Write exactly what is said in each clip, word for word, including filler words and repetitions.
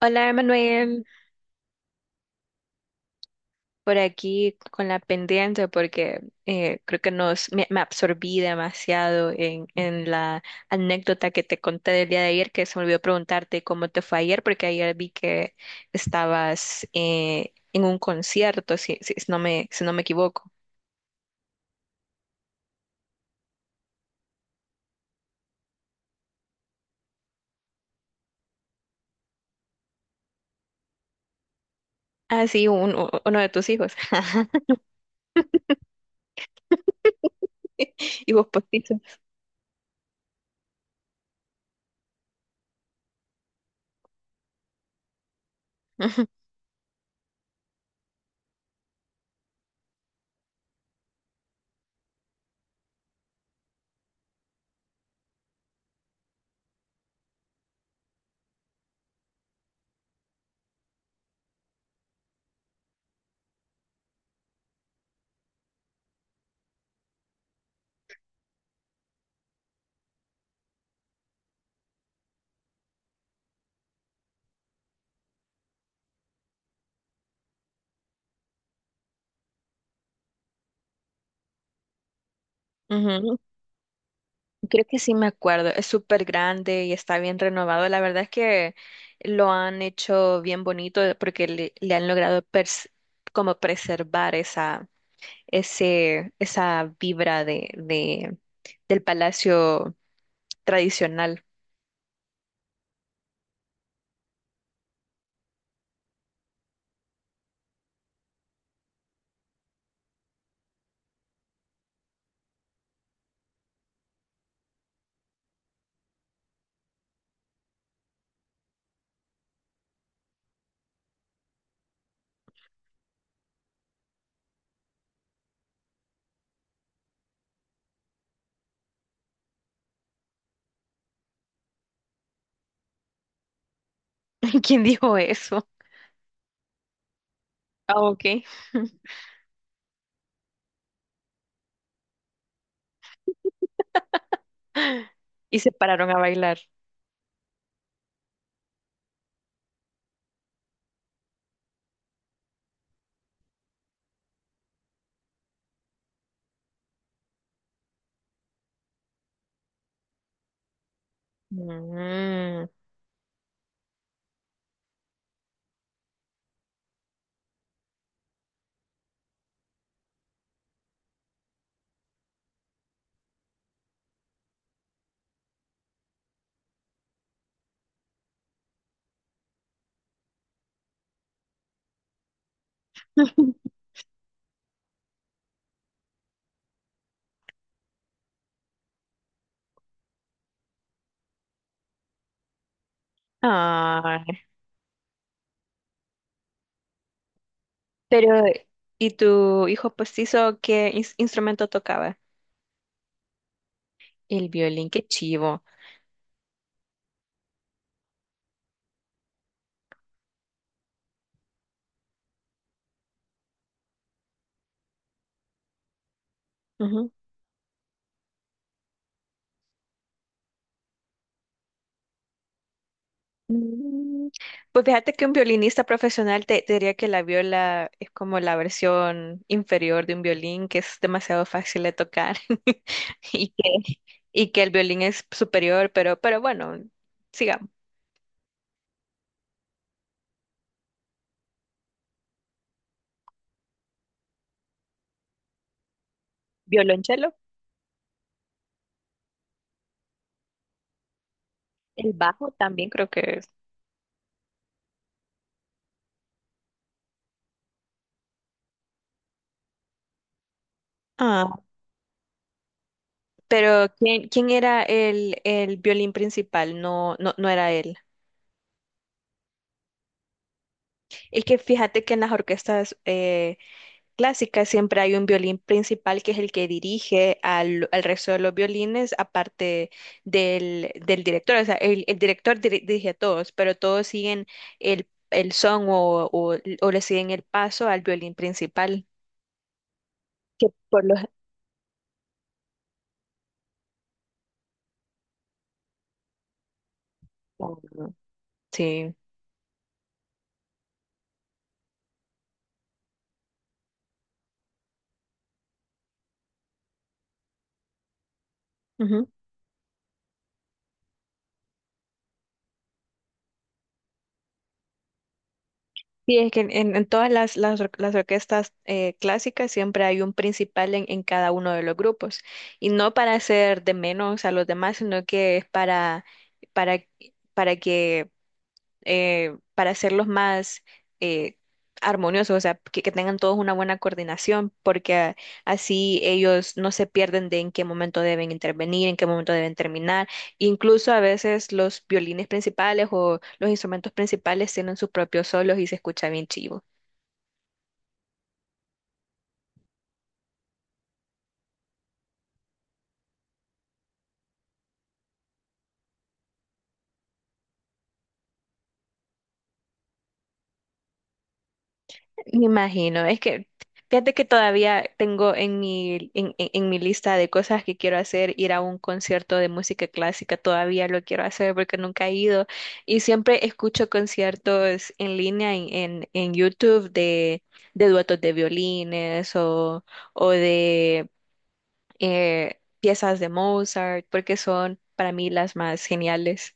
Hola, Manuel, por aquí con la pendiente porque eh, creo que nos, me, me absorbí demasiado en, en la anécdota que te conté del día de ayer, que se me olvidó preguntarte cómo te fue ayer, porque ayer vi que estabas eh, en un concierto, si, si si no me, si no me equivoco. Ah, sí, un- u- uno de tus hijos. Y vos postizo. Ujú. Creo que sí me acuerdo, es súper grande y está bien renovado. La verdad es que lo han hecho bien bonito porque le, le han logrado pers- como preservar esa, ese, esa vibra de, de, del palacio tradicional. ¿Quién dijo eso? Ah, ok. Y se pararon a bailar. Mm. Ay, pero, ¿y tu hijo postizo qué ins- instrumento tocaba? El violín, qué chivo. Ujú. Mm, pues fíjate que un violinista profesional te, te diría que la viola es como la versión inferior de un violín que es demasiado fácil de tocar y que, y que el violín es superior, pero, pero bueno, sigamos. Violonchelo, el bajo también creo que es. Ah, pero ¿quién, quién era el, el violín principal? No, no, no era él. Es que fíjate que en las orquestas eh, clásicas siempre hay un violín principal que es el que dirige al, al resto de los violines, aparte del, del director. O sea, el, el director diri- dirige a todos, pero todos siguen el, el son o, o, o le siguen el paso al violín principal. Que por los... Sí. Ujú. Sí, es que en, en- en todas las, las, or- las orquestas eh, clásicas siempre hay un principal en, en cada uno de los grupos. Y no para hacer de menos a los demás, sino que es para, para, para que eh, para hacerlos más eh, armoniosos, o sea, que, que tengan todos una buena coordinación, porque a- así ellos no se pierden de en qué momento deben intervenir, en qué momento deben terminar. Incluso a veces los violines principales o los instrumentos principales tienen sus propios solos y se escucha bien chivo. Me imagino, es que fíjate que todavía tengo en mi, en, en- en mi lista de cosas que quiero hacer, ir a un concierto de música clásica, todavía lo quiero hacer porque nunca he ido y siempre escucho conciertos en línea en, en, en YouTube de, de duetos de violines o, o de eh, piezas de Mozart, porque son para mí las más geniales.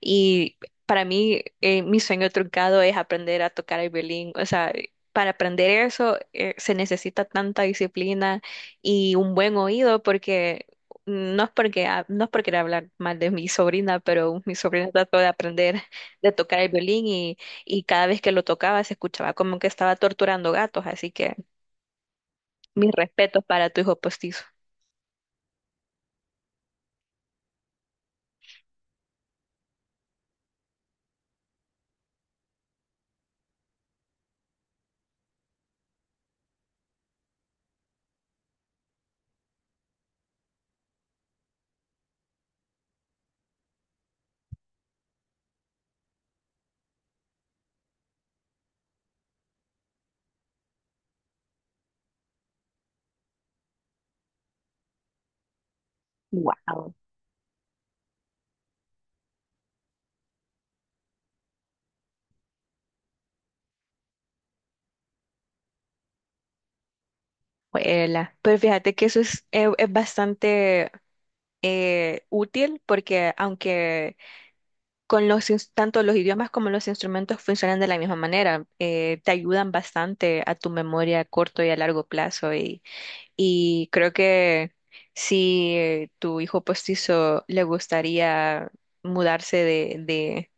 Y para mí, eh, mi sueño truncado es aprender a tocar el violín. O sea, para aprender eso, eh, se necesita tanta disciplina y un buen oído porque no es porque, ha- no es por querer hablar mal de mi sobrina, pero mi sobrina trató de aprender de tocar el violín y, y cada vez que lo tocaba se escuchaba como que estaba torturando gatos. Así que mis respetos para tu hijo postizo. Wow. Pero fíjate que eso es, es- es bastante eh, útil porque aunque con los, ins- tanto los idiomas como los instrumentos funcionan de la misma manera, eh, te ayudan bastante a tu memoria a corto y a largo plazo y, y creo que si eh, tu hijo postizo le gustaría mudarse de, de,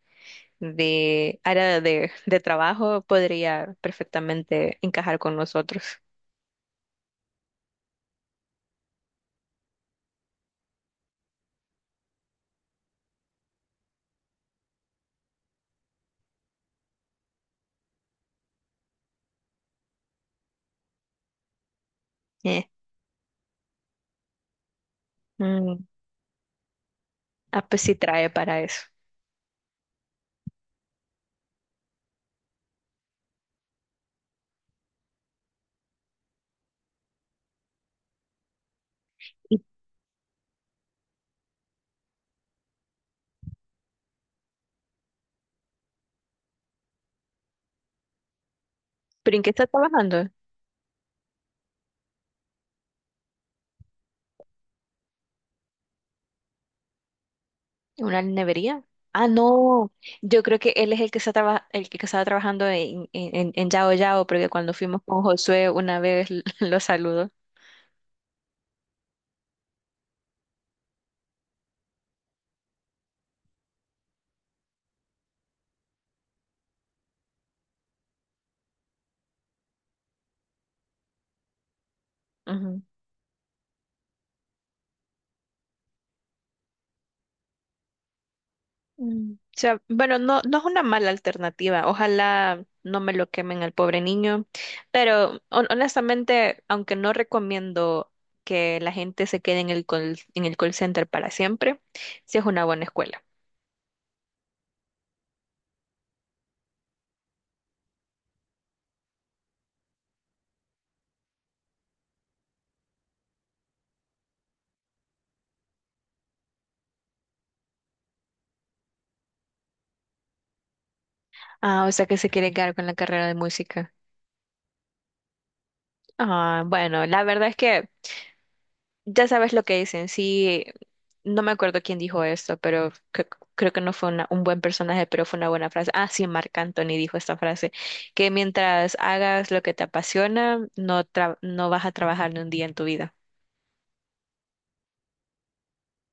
de área de, de trabajo, podría perfectamente encajar con nosotros. Eh, mm, ah, pues sí trae para eso. ¿Y pero en qué está trabajando? ¿Una nevería? Ah, no. Yo creo que él es el que está traba- el que estaba trabajando en, en, en Yao Yao, porque cuando fuimos con Josué una vez lo saludó. Ujú. Mm. O sea, bueno, no, no es una mala alternativa. Ojalá no me lo quemen al pobre niño. Pero hon- honestamente, aunque no recomiendo que la gente se quede en el call, en el call center para siempre, sí es una buena escuela. Ah, o sea que se quiere quedar con la carrera de música. Ah, bueno, la verdad es que ya sabes lo que dicen, sí, no me acuerdo quién dijo esto, pero cre- creo que no fue una- un buen personaje, pero fue una buena frase. Ah, sí, Marc Anthony dijo esta frase, que mientras hagas lo que te apasiona, no, tra- no vas a trabajar ni un día en tu vida.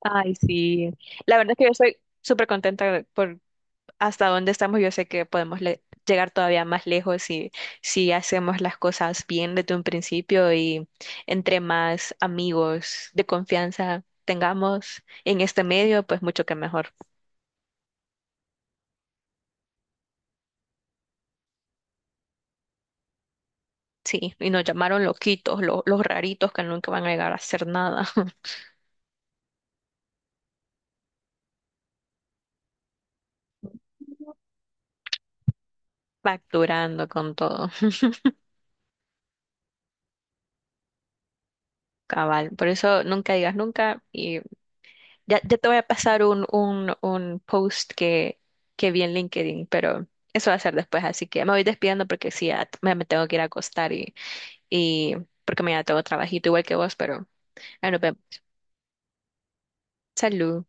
Ay, sí. La verdad es que yo estoy súper contenta hasta dónde estamos, yo sé que podemos le- llegar todavía más lejos si, si hacemos las cosas bien desde un principio y entre más amigos de confianza tengamos en este medio, pues mucho que mejor. Sí, y nos llamaron loquitos, lo- los raritos que nunca van a llegar a hacer nada, facturando con todo, cabal. Por eso nunca digas nunca. Ya, ya te voy a pasar un, un, un post que, que vi en LinkedIn, pero eso va a ser después, así que me voy despidiendo porque sí, ya me, me tengo que ir a acostar y, y porque mañana tengo trabajito igual que vos, pero ahí nos vemos. Salud.